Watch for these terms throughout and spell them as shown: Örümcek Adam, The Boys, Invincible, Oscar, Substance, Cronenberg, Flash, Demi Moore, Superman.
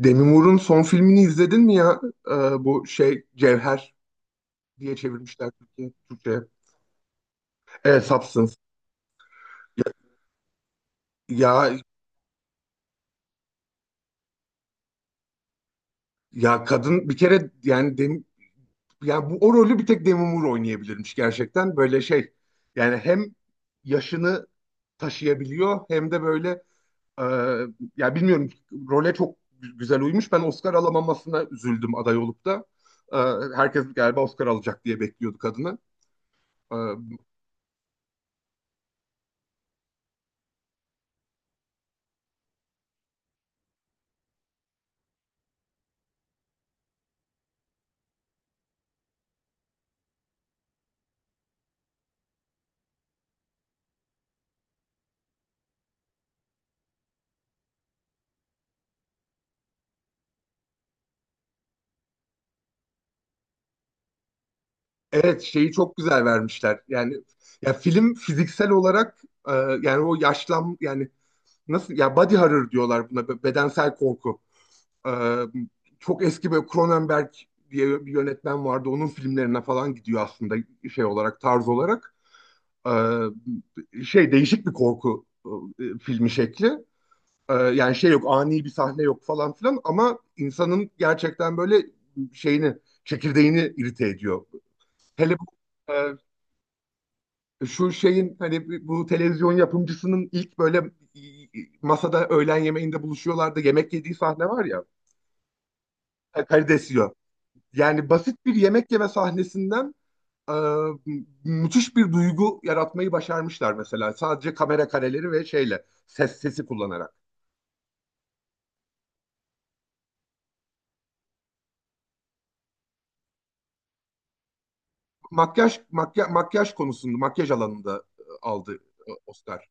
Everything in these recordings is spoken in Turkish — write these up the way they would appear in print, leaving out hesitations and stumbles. Demi Moore'un son filmini izledin mi ya? Ee, Bu şey Cevher diye çevirmişler Türkçe'ye. Evet, Substance. Ya ya, kadın bir kere yani Demi, yani bu o rolü bir tek Demi Moore oynayabilirmiş gerçekten. Böyle şey yani hem yaşını taşıyabiliyor hem de e, ya bilmiyorum role çok güzel uymuş. Ben Oscar alamamasına üzüldüm aday olup da. Ee, Herkes galiba Oscar alacak diye bekliyordu kadını. E, Evet, şeyi çok güzel vermişler. Yani ya film fiziksel olarak e, yani o yaşlan yani nasıl ya, body horror diyorlar buna, bedensel korku. E, Çok eski böyle Cronenberg diye bir yönetmen vardı. Onun filmlerine falan gidiyor aslında şey olarak, tarz olarak. Şey, değişik bir korku filmi şekli. Yani şey, yok ani bir sahne yok falan filan ama insanın gerçekten böyle şeyini, çekirdeğini irite ediyor. Hele bu e, şu şeyin, hani bu televizyon yapımcısının ilk böyle e, masada öğlen yemeğinde buluşuyorlardı. Yemek yediği sahne var ya. E, Karides yiyor. Yani basit bir yemek yeme sahnesinden e, müthiş bir duygu yaratmayı başarmışlar mesela. Sadece kamera kareleri ve şeyle, sesi kullanarak. Makyaj konusunda, makyaj alanında aldı Oscar.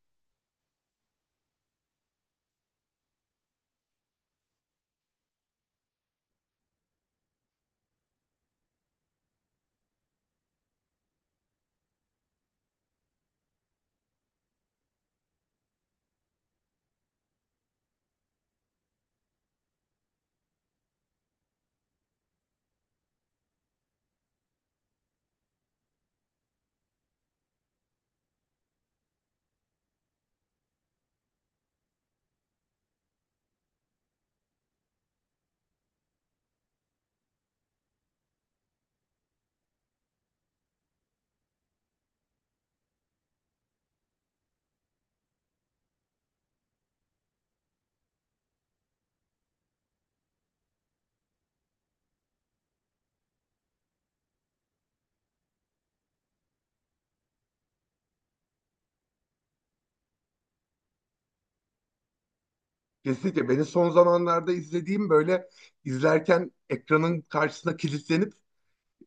Kesinlikle beni son zamanlarda izlediğim böyle, izlerken ekranın karşısına kilitlenip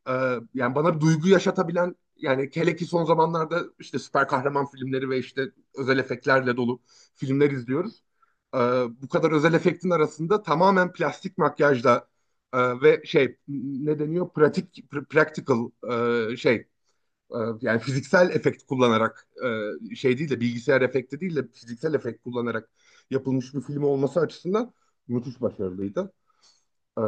Yani bana bir duygu yaşatabilen, yani hele ki son zamanlarda işte süper kahraman filmleri ve işte özel efektlerle dolu filmler izliyoruz. Ee, Bu kadar özel efektin arasında tamamen plastik makyajla ve şey, ne deniyor? Pratik, practical e, şey yani fiziksel efekt kullanarak şey değil de, bilgisayar efekti değil de fiziksel efekt kullanarak yapılmış bir film olması açısından müthiş başarılıydı. Ee,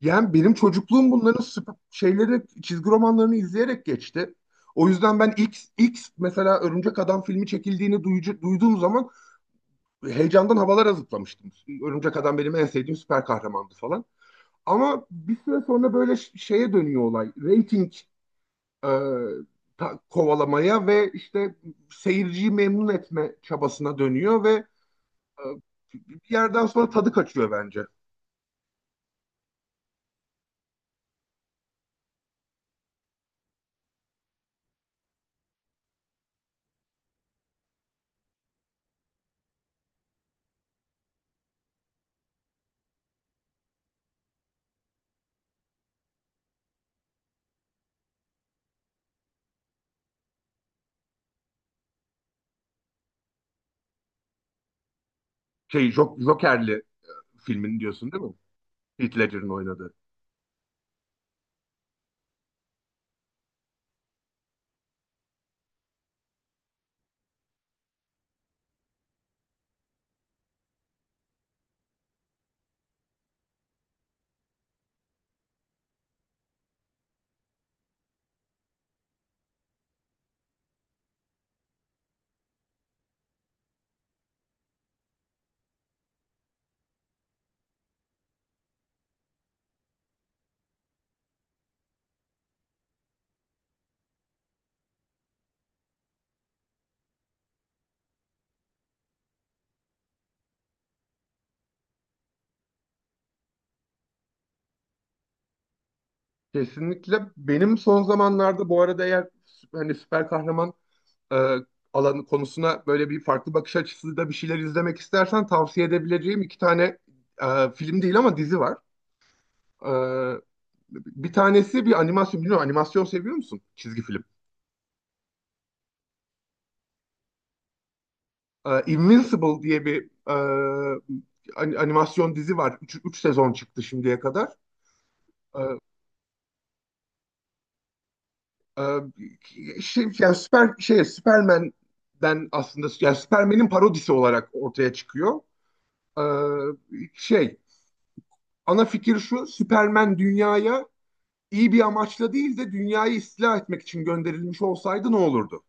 Yani benim çocukluğum bunların şeyleri, çizgi romanlarını izleyerek geçti. O yüzden ben ilk mesela Örümcek Adam filmi çekildiğini duyduğum zaman heyecandan havalara zıplamıştım. Örümcek Adam benim en sevdiğim süper kahramandı falan. Ama bir süre sonra böyle şeye dönüyor olay. Rating e, kovalamaya ve işte seyirciyi memnun etme çabasına dönüyor ve e, bir yerden sonra tadı kaçıyor bence. Şey, Joker'li filmin diyorsun değil mi? Heath Ledger'ın oynadığı. Kesinlikle. Benim son zamanlarda bu arada, eğer hani süper kahraman e, alanı konusuna böyle bir farklı bakış açısıyla bir şeyler izlemek istersen, tavsiye edebileceğim iki tane film değil ama dizi var. E, Bir tanesi bir animasyon. Bilmiyorum, animasyon seviyor musun? Çizgi film. Invincible diye bir animasyon dizi var. Üç sezon çıktı şimdiye kadar. E, Ee, Şey, yani süper şey Superman'den aslında, yani Superman'in parodisi olarak ortaya çıkıyor. Ee, şey Ana fikir şu: Superman dünyaya iyi bir amaçla değil de dünyayı istila etmek için gönderilmiş olsaydı ne olurdu?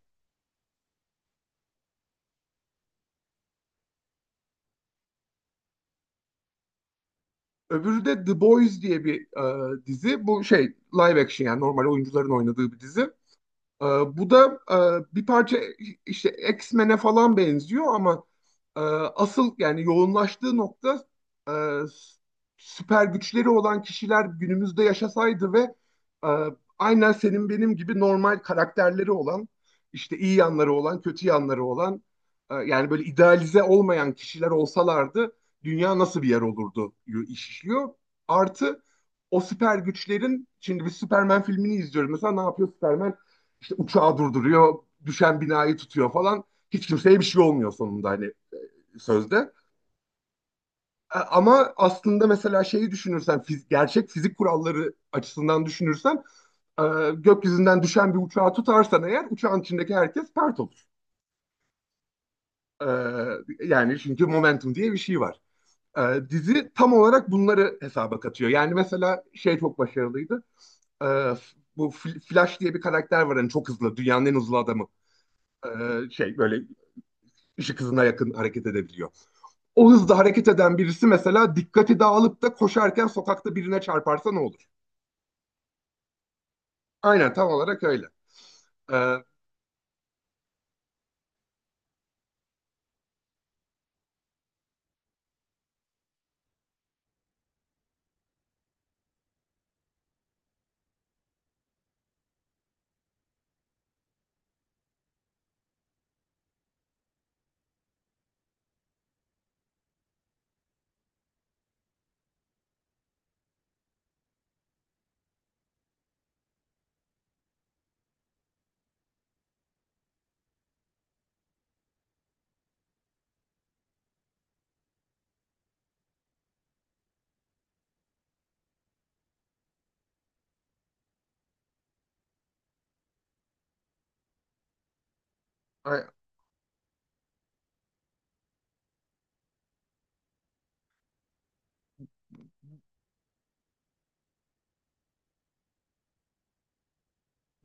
Öbürü de The Boys diye bir dizi. Bu şey, live action, yani normal oyuncuların oynadığı bir dizi. Ee, Bu da bir parça işte X-Men'e falan benziyor ama e, asıl yani yoğunlaştığı nokta, e, s- süper güçleri olan kişiler günümüzde yaşasaydı ve e, aynen senin benim gibi normal karakterleri olan, işte iyi yanları olan, kötü yanları olan, yani böyle idealize olmayan kişiler olsalardı dünya nasıl bir yer olurdu, iş işliyor. Artı, o süper güçlerin, şimdi bir Superman filmini izliyorum mesela, ne yapıyor Superman? İşte uçağı durduruyor, düşen binayı tutuyor falan. Hiç kimseye bir şey olmuyor sonunda, hani sözde. Ama aslında mesela şeyi düşünürsen, gerçek fizik kuralları açısından düşünürsen e, gökyüzünden düşen bir uçağı tutarsan eğer, uçağın içindeki herkes pert olur. E, Yani çünkü momentum diye bir şey var. Dizi tam olarak bunları hesaba katıyor. Yani mesela şey çok başarılıydı. E, Bu Flash diye bir karakter var, hani çok hızlı, dünyanın en hızlı adamı. Şey böyle ışık hızına yakın hareket edebiliyor. O hızda hareket eden birisi mesela dikkati dağılıp da koşarken sokakta birine çarparsa ne olur? Aynen, tam olarak öyle. Ee,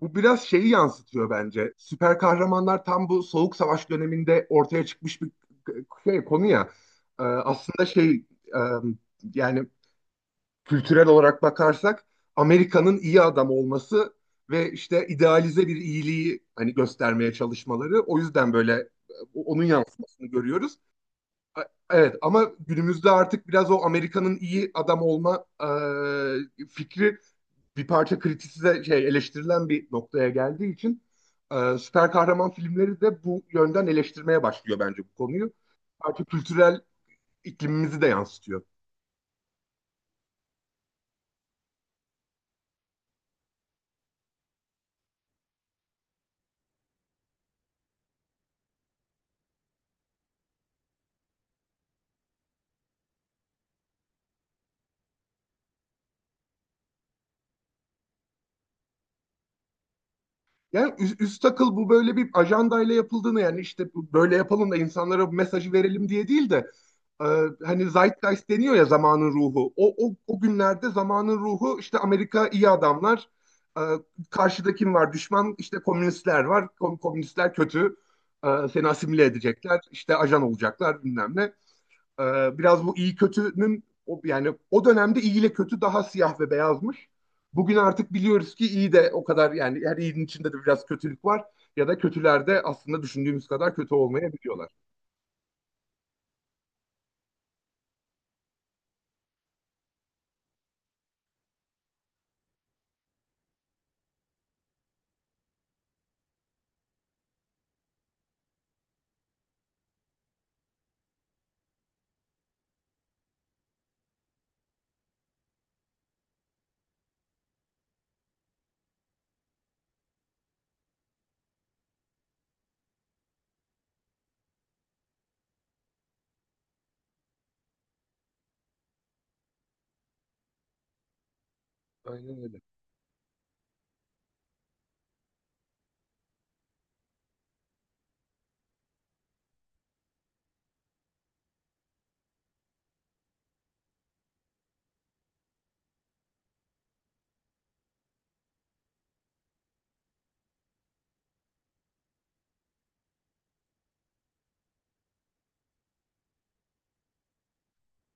Bu biraz şeyi yansıtıyor bence. Süper kahramanlar tam bu soğuk savaş döneminde ortaya çıkmış bir şey, konu ya. Aslında e, yani kültürel olarak bakarsak, Amerika'nın iyi adam olması ve işte idealize bir iyiliği hani göstermeye çalışmaları, o yüzden böyle onun yansımasını görüyoruz. A- Evet, ama günümüzde artık biraz o Amerika'nın iyi adam olma fikri bir parça kritisize şey, eleştirilen bir noktaya geldiği için süper kahraman filmleri de bu yönden eleştirmeye başlıyor bence bu konuyu. Artık kültürel iklimimizi de yansıtıyor. Yani üst akıl bu böyle bir ajandayla yapıldığını, yani işte böyle yapalım da insanlara bu mesajı verelim diye değil de e, hani Zeitgeist deniyor ya, zamanın ruhu. O günlerde zamanın ruhu işte Amerika iyi adamlar, e, karşıda kim var? Düşman, işte komünistler var. Komünistler kötü, seni asimile edecekler, işte ajan olacaklar bilmem ne. Biraz bu iyi kötünün o, yani o dönemde iyi ile kötü daha siyah ve beyazmış. Bugün artık biliyoruz ki iyi de o kadar, yani her iyinin içinde de biraz kötülük var ya da kötüler de aslında düşündüğümüz kadar kötü olmayabiliyorlar. Aynen öyle.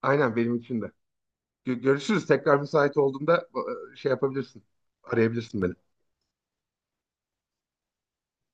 Aynen benim için de. Görüşürüz. Tekrar müsait olduğunda yapabilirsin. Arayabilirsin beni.